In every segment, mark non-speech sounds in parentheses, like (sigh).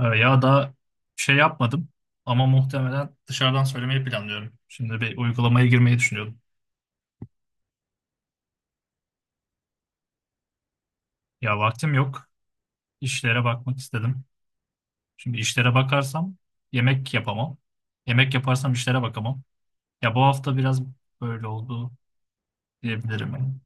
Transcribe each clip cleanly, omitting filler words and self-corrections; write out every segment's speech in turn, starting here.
Ya da şey yapmadım ama muhtemelen dışarıdan söylemeyi planlıyorum. Şimdi bir uygulamaya girmeyi düşünüyordum. Ya vaktim yok. İşlere bakmak istedim. Şimdi işlere bakarsam yemek yapamam. Yemek yaparsam işlere bakamam. Ya bu hafta biraz böyle oldu diyebilirim.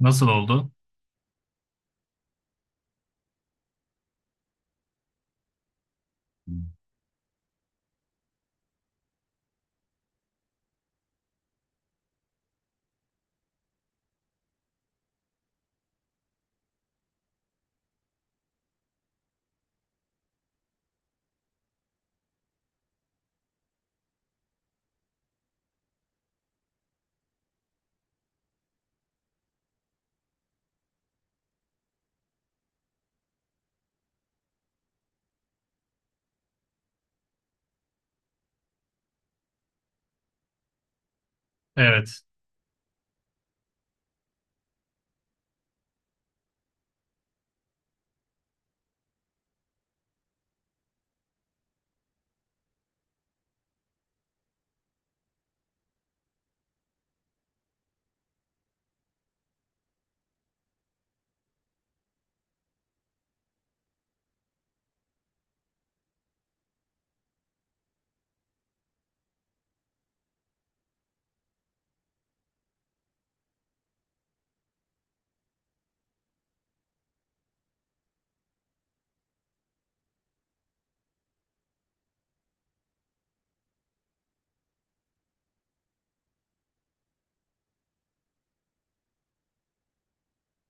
Nasıl oldu? Evet,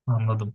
anladım.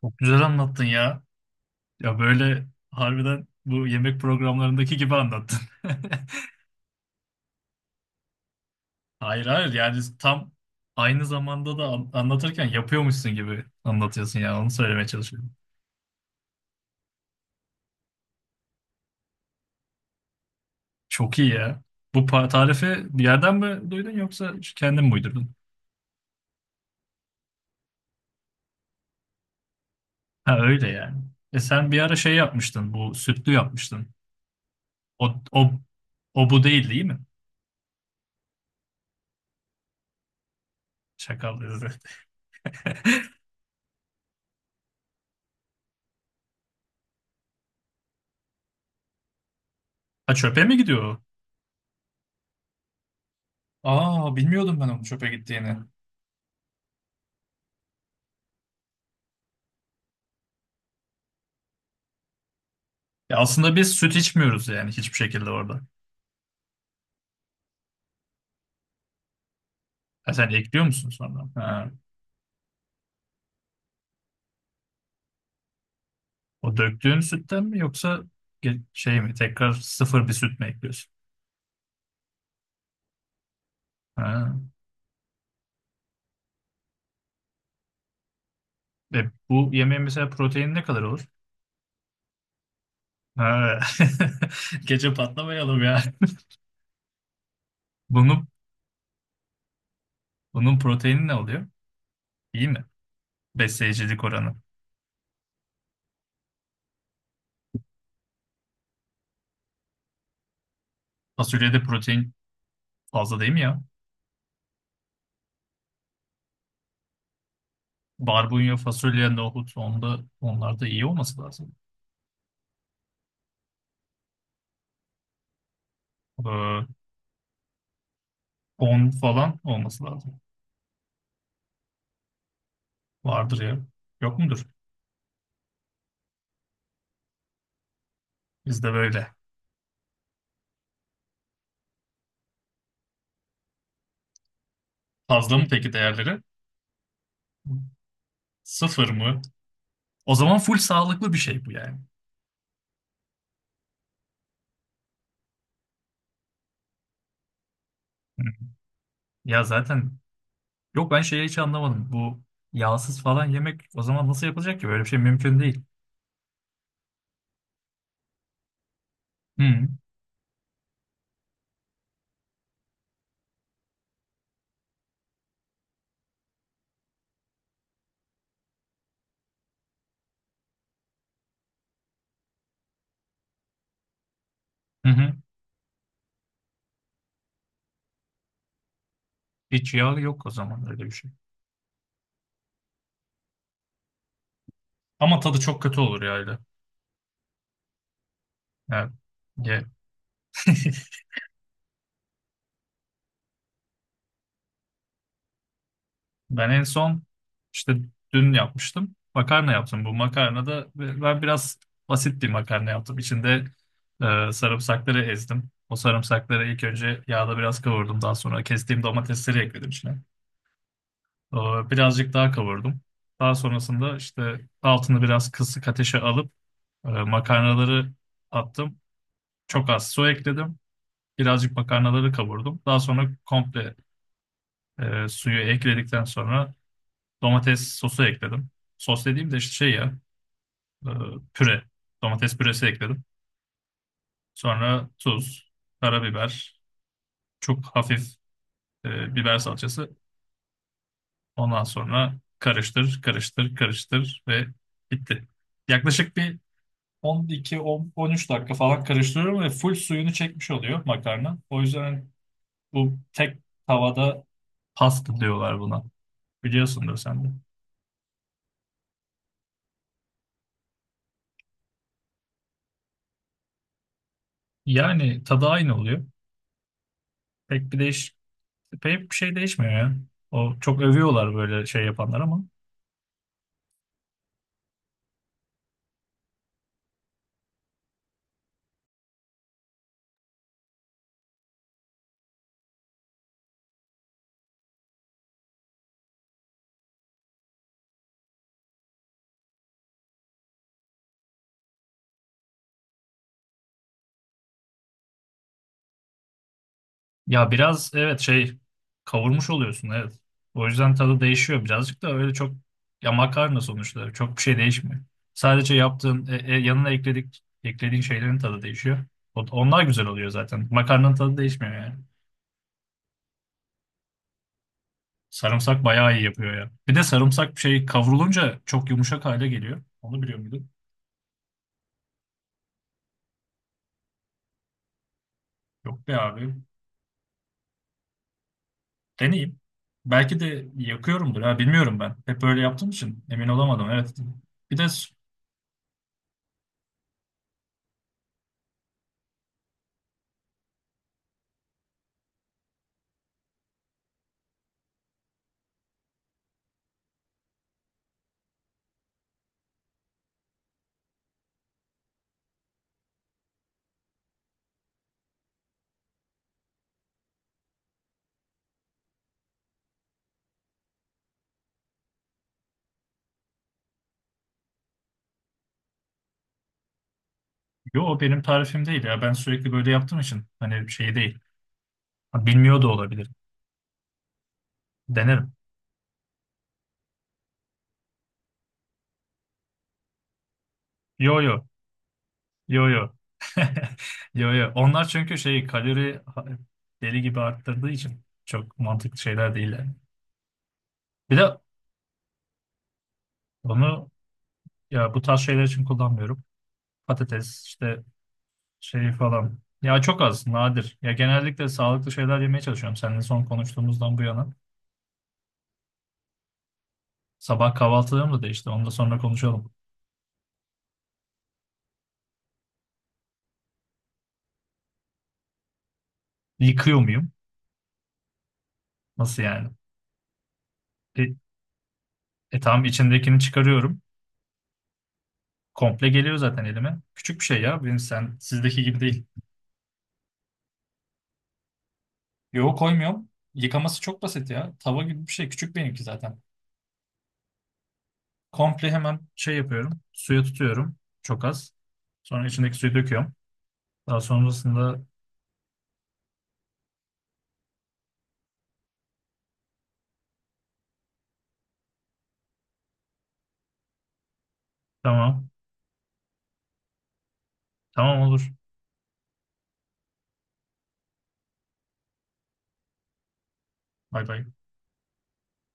Çok güzel anlattın ya. Ya böyle harbiden bu yemek programlarındaki gibi anlattın. (laughs) Hayır hayır, yani tam aynı zamanda da anlatırken yapıyormuşsun gibi anlatıyorsun ya, onu söylemeye çalışıyorum. Çok iyi ya. Bu tarifi bir yerden mi duydun yoksa kendin mi uydurdun? Ha, öyle yani. E sen bir ara şey yapmıştın, bu sütlü yapmıştın. O, o, O bu değil değil mi? Şakal dedi. (laughs) Ha çöpe mi gidiyor o? Aa, bilmiyordum ben onun çöpe gittiğini. Ya aslında biz süt içmiyoruz yani hiçbir şekilde orada. Ha sen ekliyor musun sonra? Ha. O döktüğün sütten mi yoksa şey mi, tekrar sıfır bir süt mü ekliyorsun? Ha. E, bu yemeğin mesela proteini ne kadar olur? Ha. (laughs) Gece patlamayalım ya. (laughs) Bunun, bunun proteini ne oluyor? İyi mi? Besleyicilik oranı. Fasulyede protein fazla değil mi ya? Barbunya, fasulye, nohut onlarda iyi olması lazım. Ee, 10 falan olması lazım. Vardır ya. Yok mudur? Bizde böyle. Fazla mı peki değerleri? Sıfır mı? O zaman full sağlıklı bir şey bu yani. Hı. Ya zaten yok, ben şeyi hiç anlamadım. Bu yağsız falan yemek o zaman nasıl yapılacak ki? Böyle bir şey mümkün değil. Hı hı. Hı. Hiç yağ yok o zaman öyle bir şey. Ama tadı çok kötü olur ya. Evet. Ye. (laughs) Ben en son işte dün yapmıştım. Makarna yaptım. Bu makarna da ben biraz basit bir makarna yaptım. İçinde sarımsakları ezdim. O sarımsakları ilk önce yağda biraz kavurdum. Daha sonra kestiğim domatesleri ekledim içine. Birazcık daha kavurdum. Daha sonrasında işte altını biraz kısık ateşe alıp makarnaları attım. Çok az su ekledim. Birazcık makarnaları kavurdum. Daha sonra komple suyu ekledikten sonra domates sosu ekledim. Sos dediğim de işte şey ya, e, püre. Domates püresi ekledim. Sonra tuz, karabiber, çok hafif biber salçası. Ondan sonra karıştır, karıştır, karıştır ve bitti. Yaklaşık bir 12-13 dakika falan karıştırıyorum ve full suyunu çekmiş oluyor makarna. O yüzden bu tek tavada pasta diyorlar buna. Biliyorsundur sen de. Yani tadı aynı oluyor. Pek bir değiş Pek bir şey değişmiyor ya. O çok övüyorlar böyle şey yapanlar ama. Ya biraz evet şey, kavurmuş oluyorsun evet. O yüzden tadı değişiyor birazcık da öyle çok, ya makarna sonuçta çok bir şey değişmiyor. Sadece yaptığın yanına eklediğin şeylerin tadı değişiyor. Onlar güzel oluyor zaten. Makarnanın tadı değişmiyor yani. Sarımsak bayağı iyi yapıyor ya. Bir de sarımsak bir şey kavrulunca çok yumuşak hale geliyor. Onu biliyor muydun? Yok be abi. Deneyeyim. Belki de yakıyorumdur ha, bilmiyorum ben. Hep öyle yaptığım için emin olamadım, evet. Bir de Yo, o benim tarifim değil ya. Ben sürekli böyle yaptığım için hani şey değil. Ha, bilmiyor da olabilirim. Denerim. Yo yo. Yo yo. (laughs) Yo yo. Onlar çünkü şey, kalori deli gibi arttırdığı için çok mantıklı şeyler değil yani. Bir de onu ya bu tarz şeyler için kullanmıyorum. Patates işte şey falan. Ya çok az, nadir. Ya genellikle sağlıklı şeyler yemeye çalışıyorum. Seninle son konuştuğumuzdan bu yana. Sabah kahvaltılarım da değişti. Onu da sonra konuşalım. Yıkıyor muyum? Nasıl yani? E, E tamam, içindekini çıkarıyorum. Komple geliyor zaten elime. Küçük bir şey ya. Benim, sen sizdeki gibi değil. Yo koymuyorum. Yıkaması çok basit ya. Tava gibi bir şey. Küçük benimki zaten. Komple hemen şey yapıyorum. Suya tutuyorum. Çok az. Sonra içindeki suyu döküyorum. Daha sonrasında tamam. Tamam olur. Bay bay.